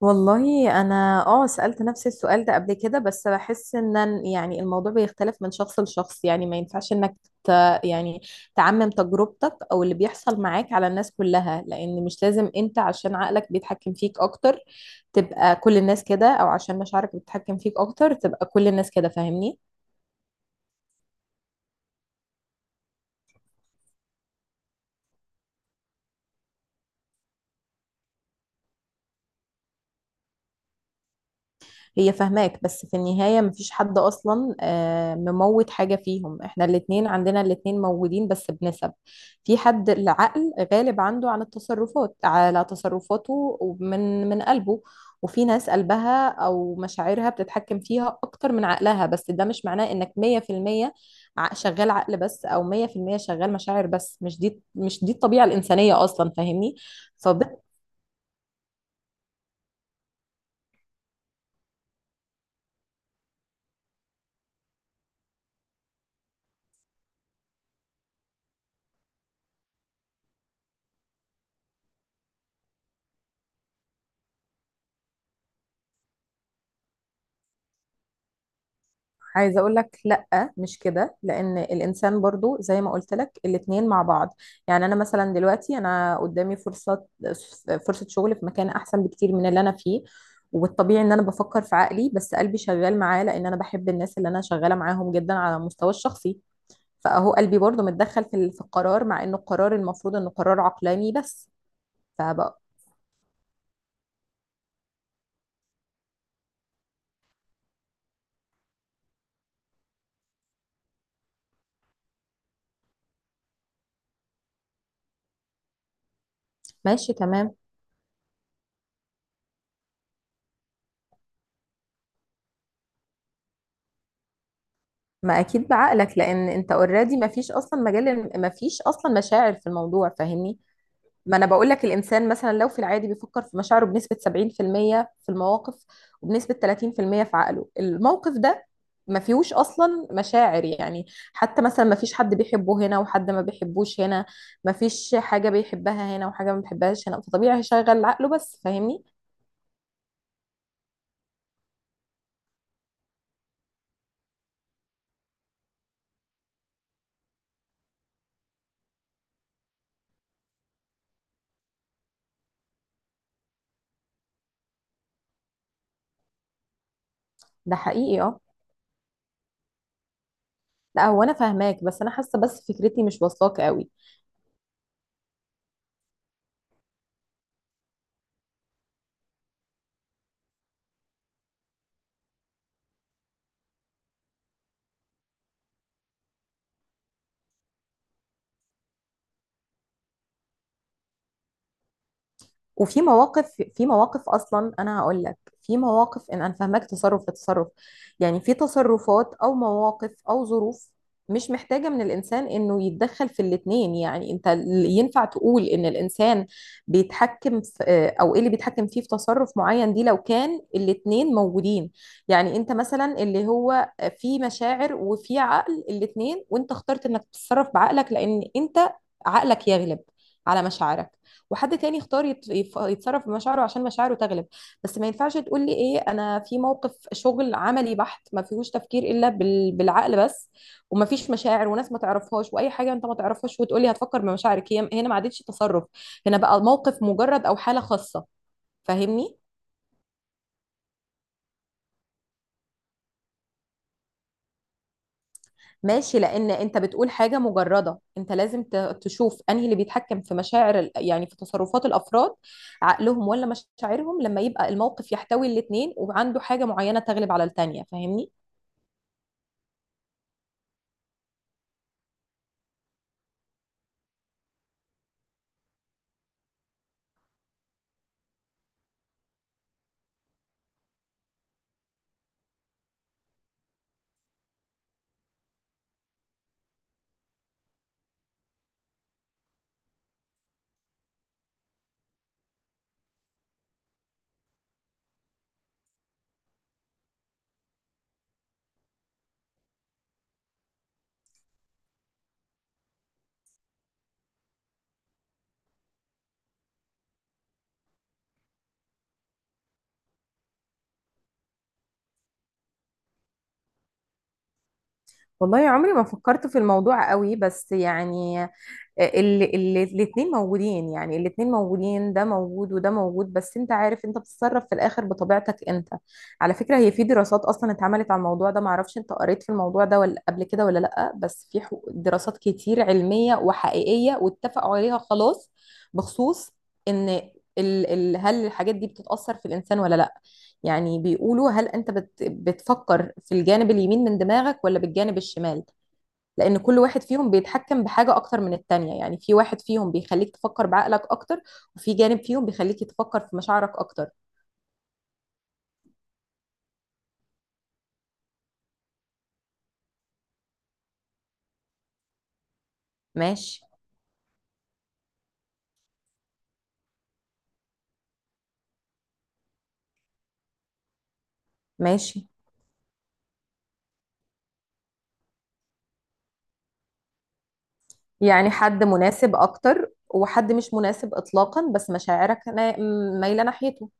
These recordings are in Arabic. والله انا سألت نفس السؤال ده قبل كده، بس بحس ان يعني الموضوع بيختلف من شخص لشخص. يعني ما ينفعش انك ت يعني تعمم تجربتك او اللي بيحصل معاك على الناس كلها، لان مش لازم انت عشان عقلك بيتحكم فيك اكتر تبقى كل الناس كده، او عشان مشاعرك بتتحكم فيك اكتر تبقى كل الناس كده. فاهمني؟ هي فاهماك، بس في النهاية مفيش حد أصلا، مموت حاجة فيهم. احنا الاتنين، عندنا الاتنين موجودين بس بنسب. في حد العقل غالب عنده عن التصرفات، على تصرفاته ومن قلبه، وفي ناس قلبها أو مشاعرها بتتحكم فيها أكتر من عقلها. بس ده مش معناه إنك 100% شغال عقل بس، أو 100% شغال مشاعر بس. مش دي الطبيعة الإنسانية أصلا. فاهمني؟ عايزه اقول لك لا، مش كده، لان الانسان برضو زي ما قلت لك الاتنين مع بعض. يعني انا مثلا دلوقتي انا قدامي فرصه شغل في مكان احسن بكتير من اللي انا فيه. والطبيعي ان انا بفكر في عقلي، بس قلبي شغال معاه، لان انا بحب الناس اللي انا شغاله معاهم جدا على المستوى الشخصي. فاهو قلبي برضو متدخل في القرار، مع انه القرار المفروض انه قرار عقلاني بس. فبقى ماشي تمام. ما اكيد بعقلك، لان انت اوريدي ما فيش اصلا مجال، ما فيش اصلا مشاعر في الموضوع. فاهمني؟ ما انا بقول لك الانسان مثلا لو في العادي بيفكر في مشاعره بنسبة 70% في المية في المواقف، وبنسبة 30% في المية في عقله. الموقف ده ما فيهوش اصلا مشاعر يعني. حتى مثلا ما فيش حد بيحبه هنا وحد ما بيحبوش هنا، ما فيش حاجة بيحبها هنا وحاجة ما بيحبهاش هنا، فطبيعي هيشغل عقله بس. فاهمني؟ ده حقيقي، اه. لا، هو انا فاهماك، بس انا حاسة بس فكرتي مش واصلاك قوي. وفي مواقف في مواقف اصلا انا هقول لك، في مواقف ان انا فاهمك تصرف لتصرف. يعني في تصرفات او مواقف او ظروف مش محتاجة من الإنسان إنه يتدخل في الاتنين. يعني أنت ينفع تقول إن الإنسان بيتحكم في، أو إيه اللي بيتحكم فيه في تصرف معين دي، لو كان الاتنين موجودين. يعني أنت مثلا اللي هو في مشاعر وفي عقل الاتنين، وأنت اخترت إنك تتصرف بعقلك لأن أنت عقلك يغلب على مشاعرك. وحد تاني يختار يتصرف بمشاعره عشان مشاعره تغلب. بس ما ينفعش تقول لي ايه، انا في موقف شغل عملي بحت ما فيهوش تفكير الا بالعقل بس، وما فيش مشاعر، وناس ما تعرفهاش واي حاجه انت ما تعرفهاش، وتقول لي هتفكر بمشاعرك. هي هنا ما عادتش تصرف، هنا بقى الموقف مجرد او حاله خاصه. فاهمني؟ ماشي، لان انت بتقول حاجه مجرده. انت لازم تشوف انهي اللي بيتحكم في مشاعر يعني في تصرفات الافراد، عقلهم ولا مشاعرهم، لما يبقى الموقف يحتوي الاتنين وعنده حاجه معينه تغلب على التانيه. فاهمني؟ والله عمري ما فكرت في الموضوع قوي، بس يعني الاثنين موجودين. يعني الاثنين موجودين، ده موجود وده موجود، بس انت عارف انت بتتصرف في الاخر بطبيعتك انت. على فكرة، هي في دراسات اصلا اتعملت على الموضوع ده، معرفش انت قريت في الموضوع ده ولا قبل كده ولا لا، بس في دراسات كتير علمية وحقيقية واتفقوا عليها خلاص، بخصوص ان ال ال هل الحاجات دي بتتأثر في الانسان ولا لا. يعني بيقولوا هل انت بتفكر في الجانب اليمين من دماغك ولا بالجانب الشمال، لان كل واحد فيهم بيتحكم بحاجه اكتر من التانية. يعني في واحد فيهم بيخليك تفكر بعقلك اكتر، وفي جانب فيهم بيخليك تفكر في مشاعرك اكتر. ماشي. ماشي. يعني حد مناسب اكتر وحد مش مناسب اطلاقا، بس مشاعرك مايله ناحيته.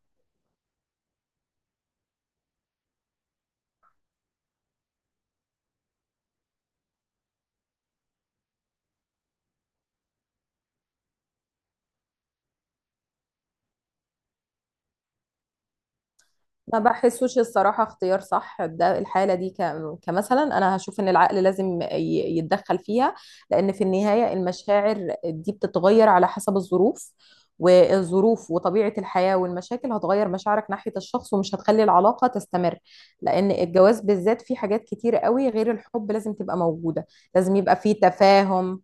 ما بحسوش الصراحة اختيار صح ده، الحالة دي كمثلا أنا هشوف إن العقل لازم يتدخل فيها، لأن في النهاية المشاعر دي بتتغير على حسب الظروف، والظروف وطبيعة الحياة والمشاكل هتغير مشاعرك ناحية الشخص، ومش هتخلي العلاقة تستمر. لأن الجواز بالذات فيه حاجات كتير قوي غير الحب لازم تبقى موجودة. لازم يبقى فيه تفاهم.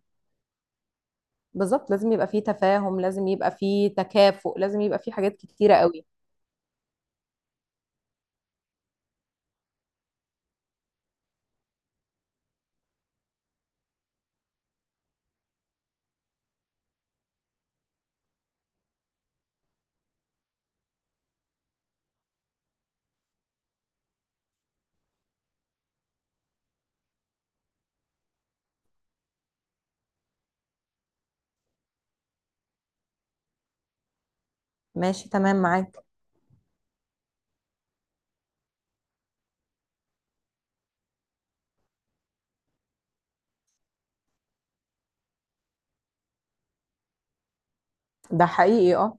بالظبط، لازم يبقى فيه تفاهم، لازم يبقى فيه تكافؤ، لازم يبقى فيه حاجات كتيرة قوي. ماشي تمام معاك. ده حقيقي، اه.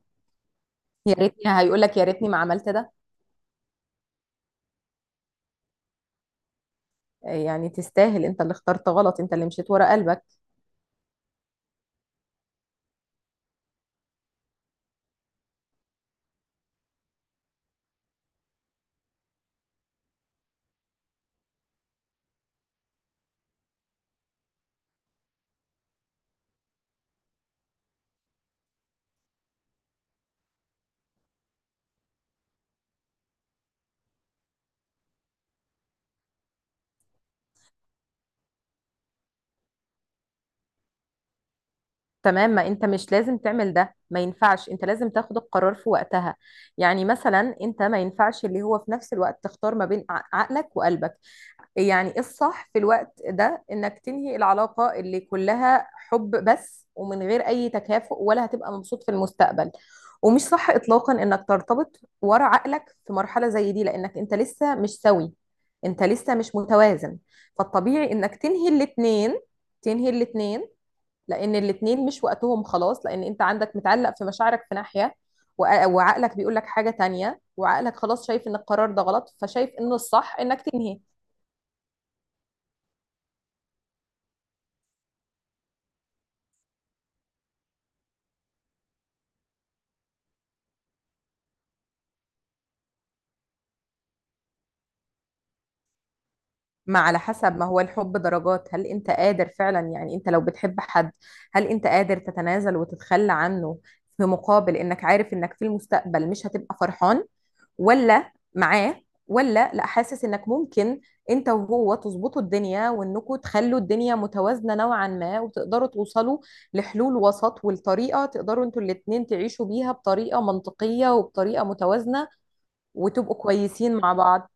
يا ريتني، هيقول لك يا ريتني ما عملت ده. يعني تستاهل، انت اللي اخترت غلط، انت اللي مشيت ورا قلبك. تمام. ما انت مش لازم تعمل ده، ما ينفعش. انت لازم تاخد القرار في وقتها. يعني مثلا انت ما ينفعش اللي هو في نفس الوقت تختار ما بين عقلك وقلبك. يعني إيه الصح في الوقت ده؟ انك تنهي العلاقة اللي كلها حب بس ومن غير اي تكافؤ، ولا هتبقى مبسوط في المستقبل. ومش صح اطلاقا انك ترتبط ورا عقلك في مرحلة زي دي، لانك انت لسه مش سوي، انت لسه مش متوازن. فالطبيعي انك تنهي الاتنين، لان الاتنين مش وقتهم خلاص. لان انت عندك متعلق في مشاعرك في ناحية، وعقلك بيقول لك حاجة تانية، وعقلك خلاص شايف ان القرار ده غلط، فشايف ان الصح انك تنهي. ما على حسب، ما هو الحب درجات. هل انت قادر فعلا، يعني انت لو بتحب حد، هل انت قادر تتنازل وتتخلى عنه، في مقابل انك عارف انك في المستقبل مش هتبقى فرحان ولا معاه، ولا لا، حاسس انك ممكن انت وهو تظبطوا الدنيا، وانكم تخلوا الدنيا متوازنة نوعا ما، وتقدروا توصلوا لحلول وسط، والطريقة تقدروا انتوا الاتنين تعيشوا بيها بطريقة منطقية وبطريقة متوازنة، وتبقوا كويسين مع بعض.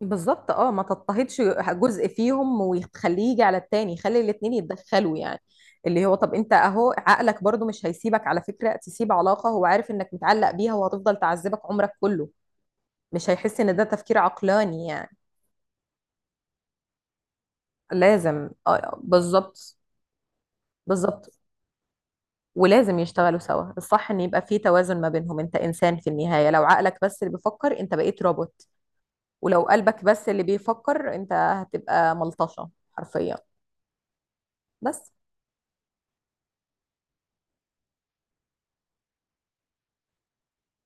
بالظبط، اه. ما تضطهدش جزء فيهم وتخليه يجي على التاني، خلي الاتنين يتدخلوا يعني. اللي هو طب انت، اهو عقلك برضو مش هيسيبك، على فكرة، تسيب علاقة هو عارف انك متعلق بيها، وهتفضل تعذبك عمرك كله. مش هيحس ان ده تفكير عقلاني يعني. لازم، اه، بالظبط. بالظبط، ولازم يشتغلوا سوا. الصح ان يبقى في توازن ما بينهم. انت انسان في النهاية، لو عقلك بس اللي بيفكر انت بقيت روبوت، ولو قلبك بس اللي بيفكر انت هتبقى ملطشة حرفيا. بس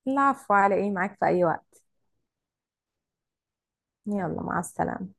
العفو، على ايه؟ معاك في اي وقت. يلا، مع السلامة.